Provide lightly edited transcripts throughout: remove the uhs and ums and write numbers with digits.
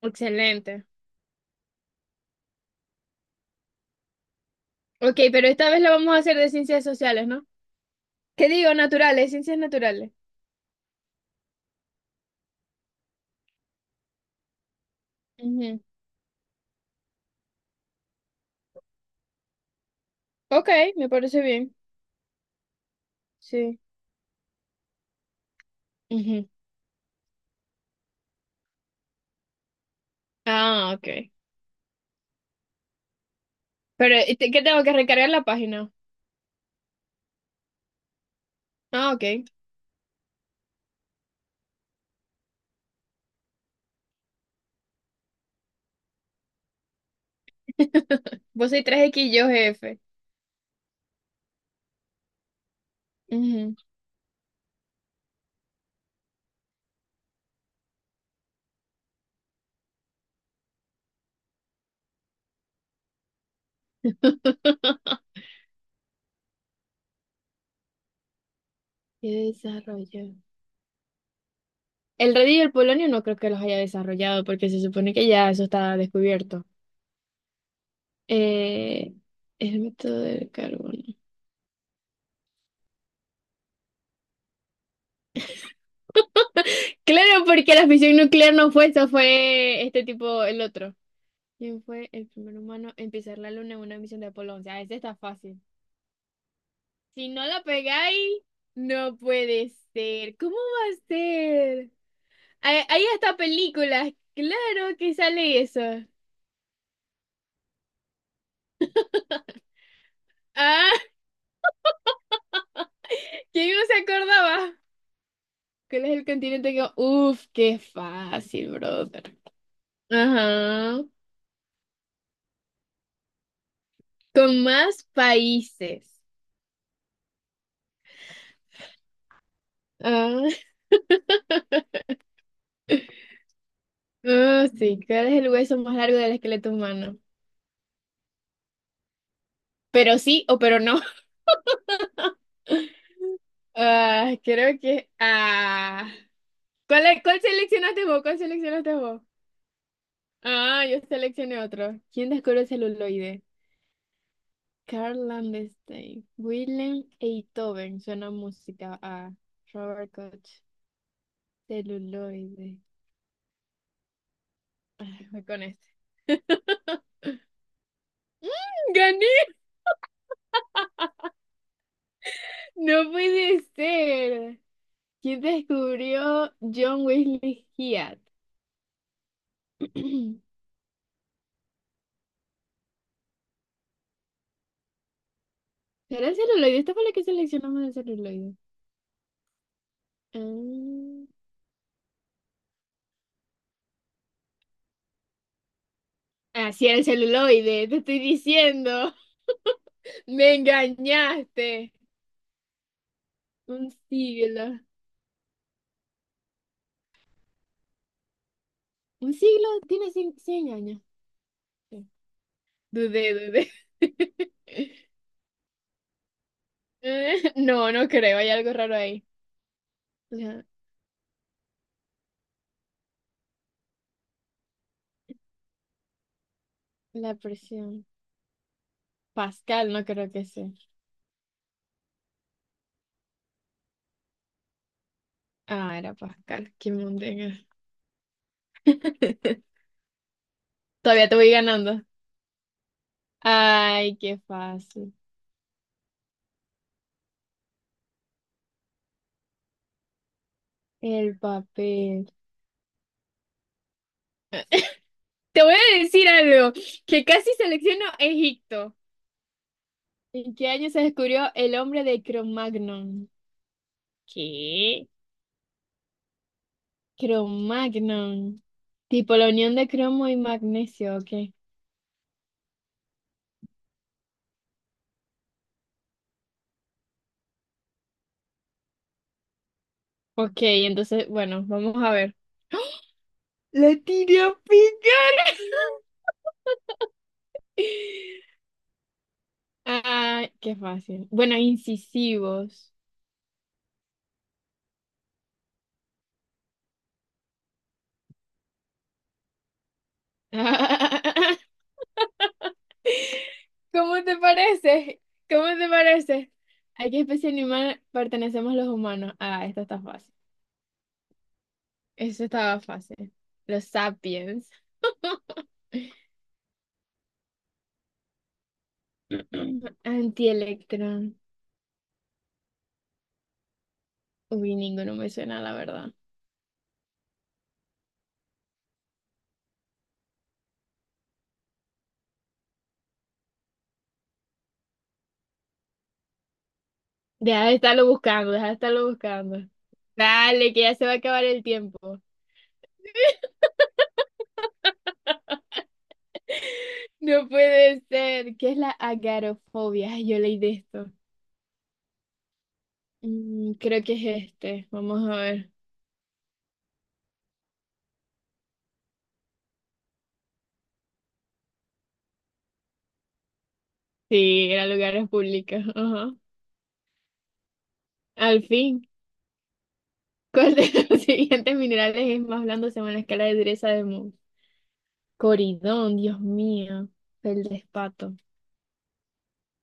Excelente. Ok, pero esta vez lo vamos a hacer de ciencias sociales, ¿no? ¿Qué digo? Naturales, ciencias naturales. Ujú. Ok, me parece bien. Sí. Ujú. Ah, ok. Pero, ¿qué tengo que recargar la página? Ah, ok. Vos sois tres x y yo jefe. Ujú. ¿Qué desarrollo? El radio y el polonio no creo que los haya desarrollado porque se supone que ya eso está descubierto. Eh, el método del carbono. Claro, porque la fisión nuclear no fue eso, fue este tipo, el otro. ¿Quién fue el primer humano en pisar la luna en una misión de Apolo 11? Ah, este está fácil. Si no la pegáis, no puede ser. ¿Cómo va a ser? Hay hasta películas, claro que sale eso. Ah, ¿quién no se acordaba? ¿Cuál es el continente que...? Uf, qué fácil, brother. Ajá. Con más países. Ah. Ah, sí, ¿cuál es el hueso más largo del esqueleto humano? Pero sí o pero no. Ah, creo que. Ah. ¿Cuál seleccionaste vos? ¿Cuál seleccionaste vos? Ah, yo seleccioné otro. ¿Quién descubrió el celuloide? Carl Landstein. Willem Einthoven. Suena música a Robert Koch. Celuloide. Ah, voy con este. ¡Gané! ¡No puede ser! ¿Quién descubrió John Wesley Hyatt? ¿Era el celuloide? Esta fue la que seleccionamos el celuloide. Ah, ah, sí, era el celuloide, te estoy diciendo. Me engañaste. Un siglo. Un siglo tiene cien años. Sí. Dudé, dudé. No, no creo, hay algo raro ahí. La, la presión. Pascal, no creo que sea. Ah, era Pascal, qué montenga. Todavía te voy ganando. Ay, qué fácil. El papel. Te voy a decir algo, que casi selecciono Egipto. ¿En qué año se descubrió el hombre de Cromagnon? ¿Qué? Cromagnon. Tipo la unión de cromo y magnesio, ok. Ok, entonces, bueno, vamos a ver. La tiré a picar. Ah, qué fácil. Bueno, incisivos. ¿Cómo te parece? ¿Cómo te parece? ¿A qué especie animal pertenecemos los humanos? Ah, esta está fácil. Eso estaba fácil. Los Sapiens. Antielectrón. Uy, ninguno me suena, la verdad. Deja de estarlo buscando, deja de estarlo buscando. Dale, que ya se va a acabar el tiempo. No puede ser. ¿Qué es la agarofobia? Ay, yo leí de esto. Mm, creo que es este. Vamos a ver. Sí, era lugares públicos. Ajá. Al fin. ¿Cuál de los siguientes minerales es más blando según la escala de dureza de Mohs? Coridón, Dios mío. El despato.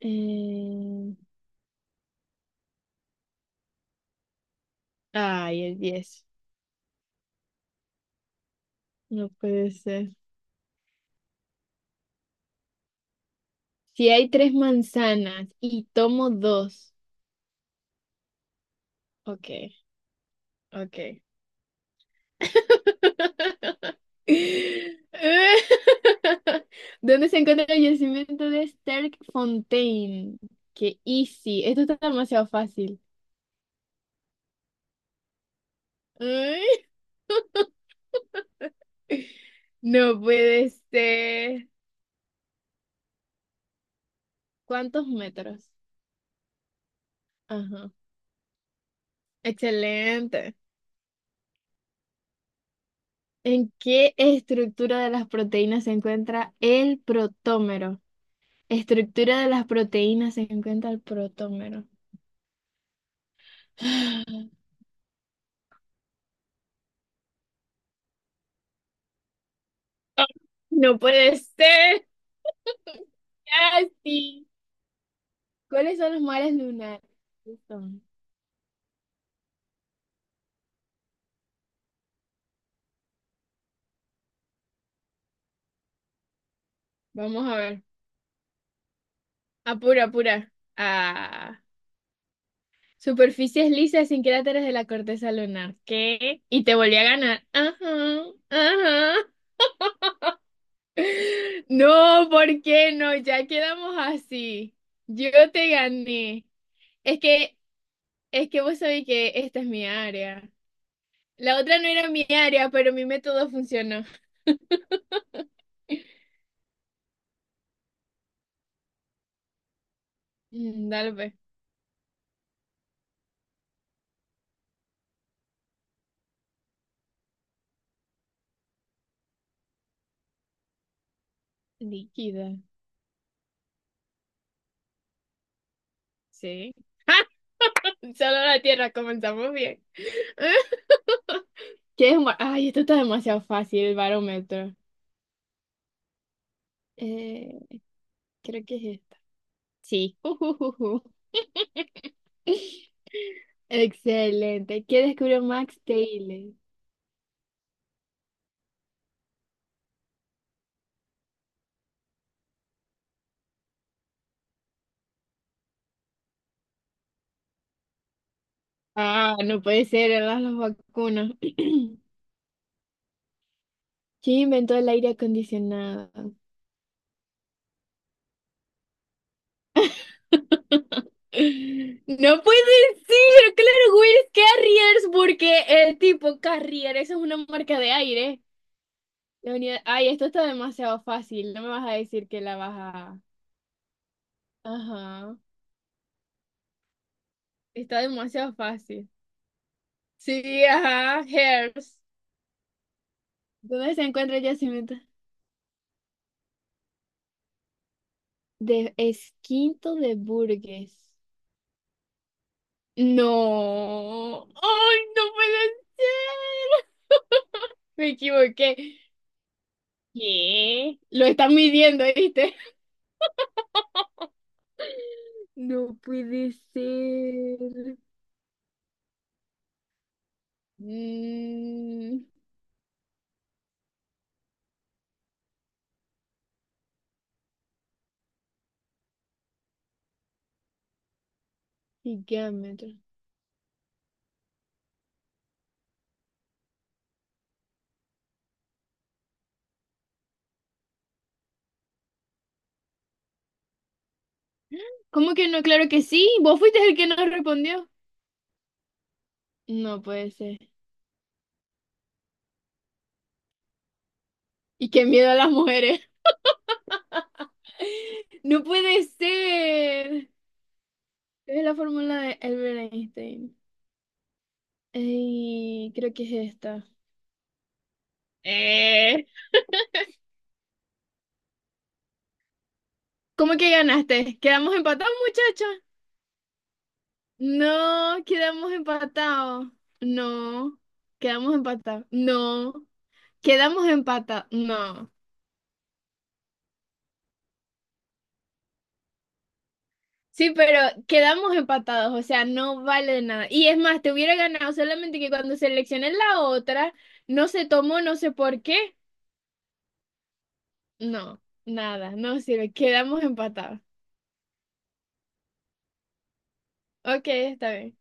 Eh, ay, el 10. No puede ser. Si hay tres manzanas y tomo dos. Ok, ok. ¿Dónde se encuentra el yacimiento de Sterkfontein? Qué easy. Esto está demasiado fácil. Ay, no puede ser. ¿Cuántos metros? Ajá. Excelente. ¿En qué estructura de las proteínas se encuentra el protómero? Estructura de las proteínas se encuentra el protómero. No puede ser. Casi. ¿Cuáles son los mares lunares? ¿Qué Son- Vamos a ver. Apura, apura. Ah. Superficies lisas sin cráteres de la corteza lunar. ¿Qué? Y te volví a ganar. Ajá, ajá. No, ¿por qué no? Ya quedamos así. Yo te gané. Es que, es que vos sabés que esta es mi área. La otra no era mi área, pero mi método funcionó. Mm, dale, pues. Líquida. Sí. Solo la tierra, comenzamos bien. ¿Qué es un bar- Ay, esto está demasiado fácil, el barómetro. Eh, creo que es esta. Sí. Ujujuju. Excelente. ¿Qué descubrió Max Taylor? Ah, no puede ser, eran las vacunas. ¿Quién inventó el aire acondicionado? No puede ser, claro, Will Carriers, porque el tipo Carrier, eso es una marca de aire. Ay, esto está demasiado fácil, no me vas a decir que la vas a... Ajá, está demasiado fácil. Sí, ajá, Hairs. ¿Dónde se encuentra el yacimiento? De Esquinto de Burgues. No, ay, no puede ser. Me equivoqué. ¿Qué? Lo están midiendo, ¿viste? No puede ser. Mm, gigámetro. ¿Cómo que no? Claro que sí. Vos fuiste el que no respondió. No puede ser. Y qué miedo a las mujeres. No puede ser. Es la fórmula de Albert Einstein. Ey, creo que es esta. Eh. ¿Cómo que ganaste? ¿Quedamos empatados, muchacha? No, quedamos empatados. No, quedamos empatados. No, quedamos empatados. No. Sí, pero quedamos empatados, o sea, no vale de nada. Y es más, te hubiera ganado solamente que cuando seleccioné la otra, no se tomó, no sé por qué. No, nada, no sirve, quedamos empatados. Ok, está bien.